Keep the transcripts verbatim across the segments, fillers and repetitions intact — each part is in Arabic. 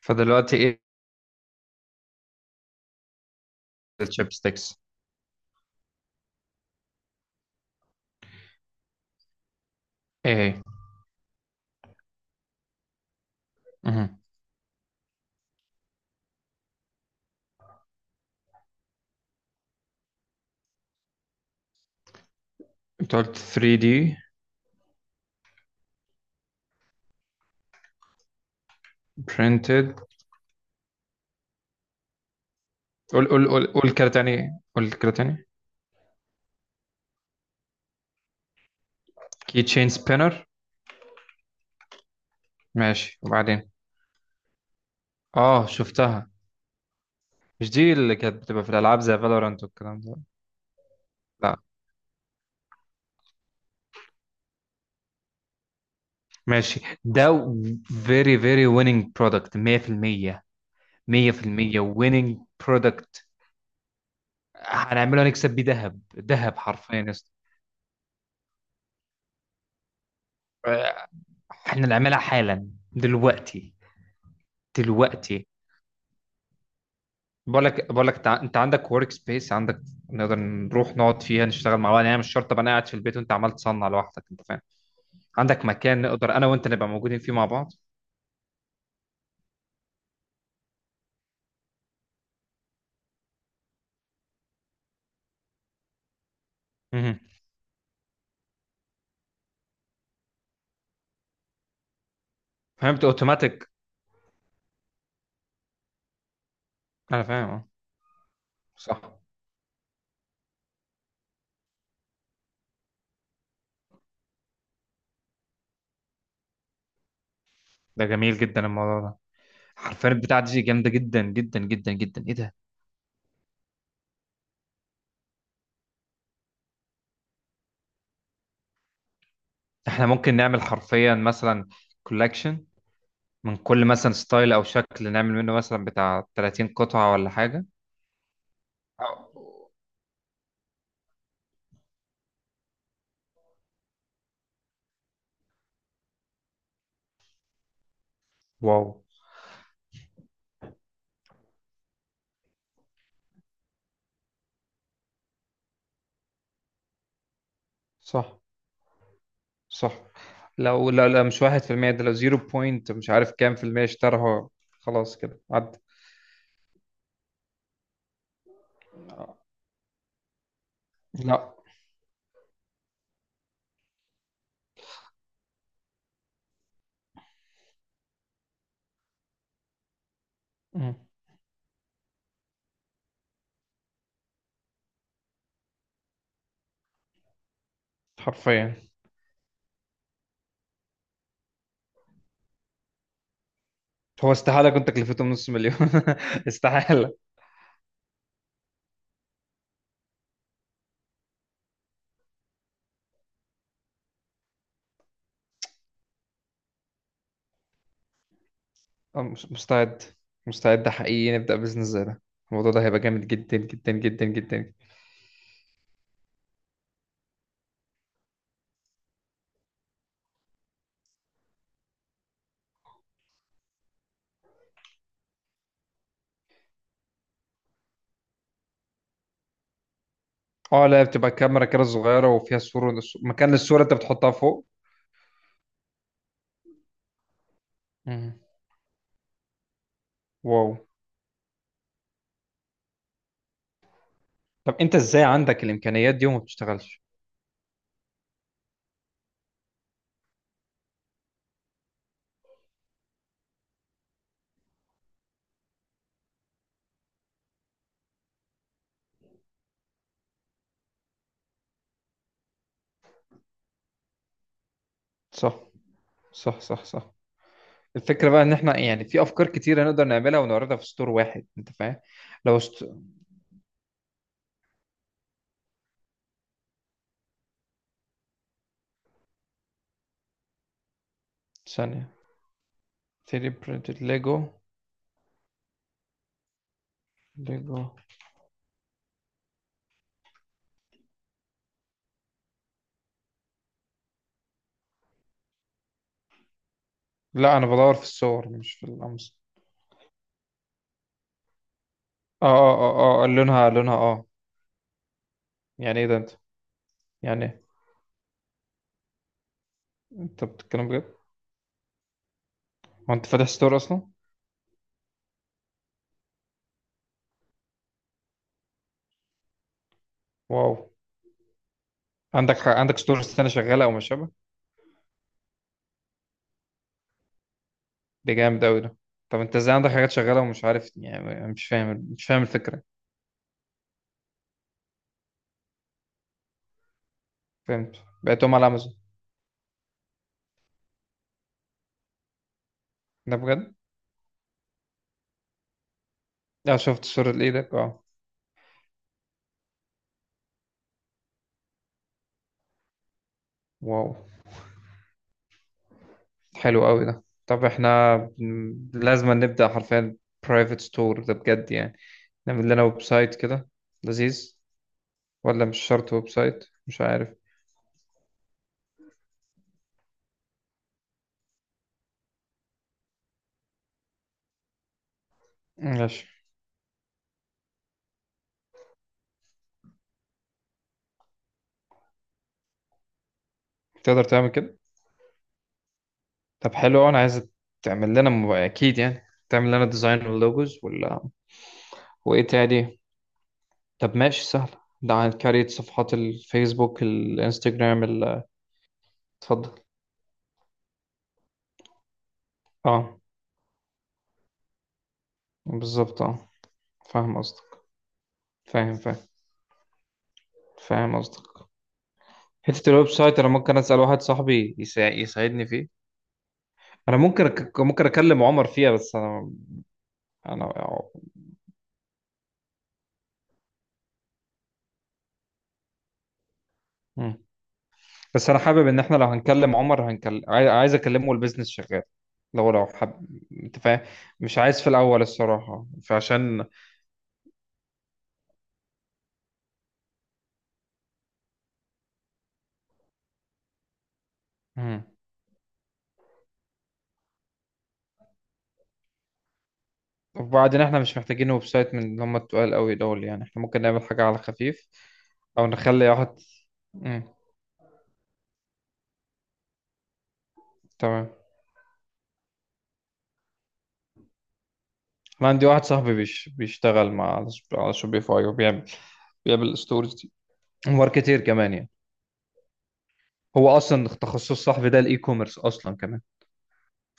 فدلوقتي ايه؟ الشيبستكس؟ ايه هي؟ مهم. انت قلت ثري دي printed؟ قول قول قول قول كده تاني، قول كده تاني كي تشين سبينر. ماشي، وبعدين؟ اه، شفتها. مش دي اللي كانت بتبقى في الالعاب زي فالورانت والكلام ده؟ لا. ماشي. ده فيري فيري winning product، مية بالمية. مية بالمية winning product. هنعمله، نكسب بيه ذهب ذهب حرفيا يا اسطى. آه، احنا نعملها حالا دلوقتي، دلوقتي. بقول لك بقول لك انت انت عندك ورك سبيس، عندك نقدر نروح نقعد فيها نشتغل مع بعض. يعني مش شرط ابقى انا قاعد في البيت وانت عمال تصنع لوحدك، انت فاهم؟ عندك مكان نقدر انا وانت نبقى موجودين فيه مع بعض. مهم. فهمت، اوتوماتيك. انا فاهم، اه. صح. ده جميل جدا الموضوع ده. حرفيا البتاع دي جامده جدا جدا جدا جدا، ايه ده؟ احنا ممكن نعمل حرفيا مثلا كولكشن من كل مثلا ستايل او شكل، نعمل منه مثلا بتاع تلاتين قطعه ولا حاجه. أو- واو. صح، صح. لو لا لا مش واحد في المية ده، لو زيرو بوينت مش عارف كام في المية اشتراها خلاص كده عدى. لا. مم. حرفيا. هو استحالة كنت أكلفته من نص مليون استحالة. أه، مش- مستعد، مستعد حقيقي نبدأ بزنس زي ده. الموضوع ده هيبقى جامد جدا جدا جدا جدا. اه لا، بتبقى كاميرا كده صغيرة وفيها صورة، مكان الصورة انت بتحطها فوق. مم. واو. طب انت ازاي عندك الامكانيات دي وما بتشتغلش؟ صح، صح، صح، صح. الفكرة بقى ان احنا يعني في افكار كتيرة نقدر نعملها ونعرضها في ستور واحد، انت فاهم؟ لو است... ثانية. ثري دي printed ليجو. ليجو لا انا بدور في الصور، مش في الامس. اه اه اه اه، آه، لونها، لونها اه. يعني ايه ده انت؟ يعني إيه؟ انت بتتكلم بجد؟ هو انت فاتح ستور اصلا؟ واو. عندك ح... عندك ستور السنة شغالة او مش شبه؟ ده جامد قوي ده. طب انت ازاي عندك حاجات شغالة ومش عارف؟ يعني مش فاهم، مش فاهم الفكرة. فهمت، بعتهم على امازون. ده بجد؟ اه شفت صورة ايدك، اه. واو. حلو قوي ده. طب احنا بن- لازم نبدأ حرفيا برايفت ستور ده بجد يعني. نعمل لنا ويب سايت كده، لذيذ. ولا مش شرط ويب سايت، مش عارف. ماشي. تقدر تعمل كده؟ طب حلو أوي، انا عايز تعمل لنا م- اكيد يعني تعمل لنا ديزاين واللوجوز ولا. وايه تاني؟ طب ماشي، سهل. ده عن كارية صفحات الفيسبوك، الانستجرام، ال- اتفضل. اه، بالظبط، اه. فاهم قصدك. فاهم. فاهم. فاهم قصدك. حتة الويب سايت أنا ممكن أسأل واحد صاحبي يسا- يساعدني فيه. أنا ممكن أك- ممكن أكلم عمر فيها، بس أنا أنا. مم. بس أنا حابب إن إحنا لو هنكلم عمر هنكلم، عايز أكلمه والبيزنس شغال. لو لو حب، أنت فاهم. مش عايز في الأول، الصراحة، فعشان. مم. وبعدين إحنا مش محتاجين ويب سايت من اللي هم التقال قوي دول، يعني إحنا ممكن نعمل حاجة على خفيف، أو نخلي واحد. مم. تمام. أنا عندي واحد صاحبي بيش... بيشتغل مع، على شوبيفاي، وبيعمل، بيعمل ستورز. ماركتير كمان يعني، هو اصلا تخصص صاحبي ده، الاي كوميرس اصلا كمان.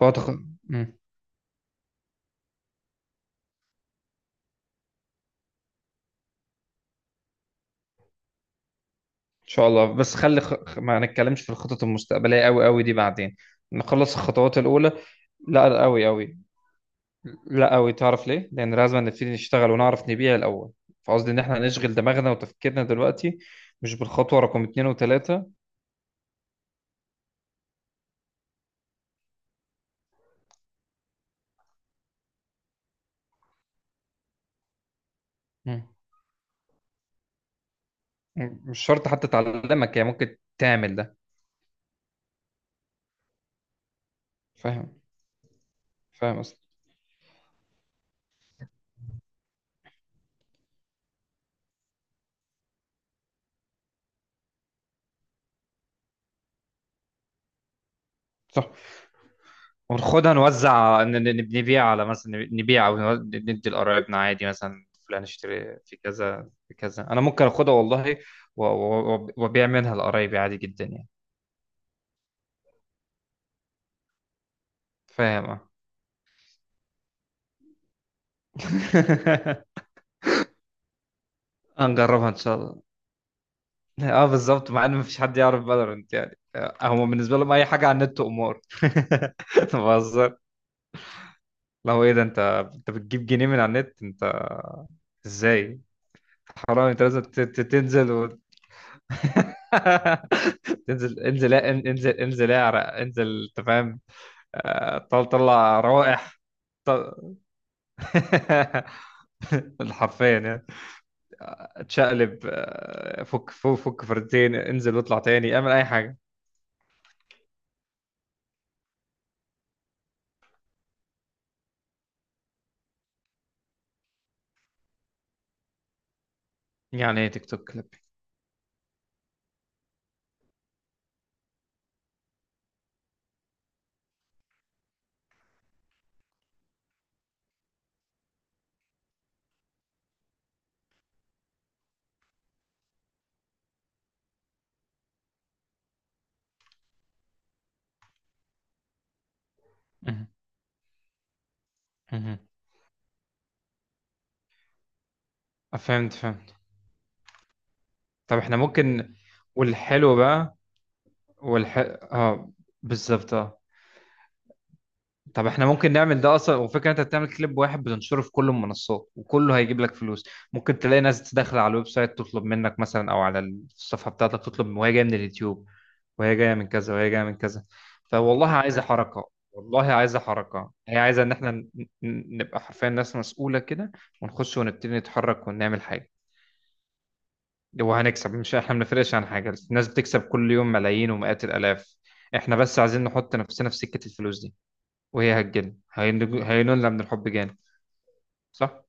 فهو تخ... مم. ان شاء الله، بس خلي خ... خ- ما نتكلمش في الخطط المستقبليه قوي قوي دي بعدين، نخلص الخطوات الاولى. لا، قوي قوي. لا قوي، تعرف ليه؟ لان لازم نبتدي نشتغل ونعرف نبيع الاول. فقصدي ان احنا نشغل دماغنا وتفكيرنا دلوقتي، مش بالخطوه رقم اتنين وتلاته. مم. مش شرط حتى تعلمك هي، ممكن تعمل ده. فاهم، فاهم اصلا. صح. وناخدها نوزع، ن- ن- نبيع، على مثلا نبيع، او نو- ندي لقرايبنا عادي، مثلا فلان اشتري في كذا في كذا، انا ممكن اخدها والله، و- و- وابيع منها لقرايبي عادي جدا يعني. فاهم، اه. هنجربها ان شاء الله. اه بالظبط، مع ان مفيش حد يعرف فالورنت يعني. هم بالنسبه لهم اي حاجه على النت امور. بهزر. لو ايه ده انت، انت بتجيب جنيه من على النت انت؟ ازاي؟ حرام، انت لازم ت- ت- تنزل. انزل، انزل، انزل، انزل، اعرق، انزل، انت فاهم؟ آه، طل طلع روائح. طل- حرفيا يعني، اتشقلب، آه، فك فك فك فردتين، انزل واطلع تاني، اعمل اي حاجه. يعني ايه تيك توك كليب؟ مهم. مهم. فهمت، فهمت. طب احنا ممكن، والحلو بقى، والح اه، بالظبط آه. طب احنا ممكن نعمل ده اصلا، وفكرة انت بتعمل كليب واحد بتنشره في كل المنصات وكله هيجيب لك فلوس. ممكن تلاقي ناس داخلة على الويب سايت تطلب منك مثلا، او على الصفحة بتاعتك تطلب، وهي جاية من اليوتيوب، وهي جاية من كذا، وهي جاية من كذا. فوالله عايزة حركة، والله عايزة حركة، هي عايزة ان احنا ن- ن- نبقى حرفيا ناس مسؤولة كده، ونخش ونبتدي نتحرك ونعمل حاجة. وهنكسب، مش احنا بنفرقش عن حاجة، الناس بتكسب كل يوم ملايين ومئات الالاف. احنا بس عايزين نحط نفسنا في سكة الفلوس دي، وهي هتجن هينول هينولنا من الحب جانب. صح؟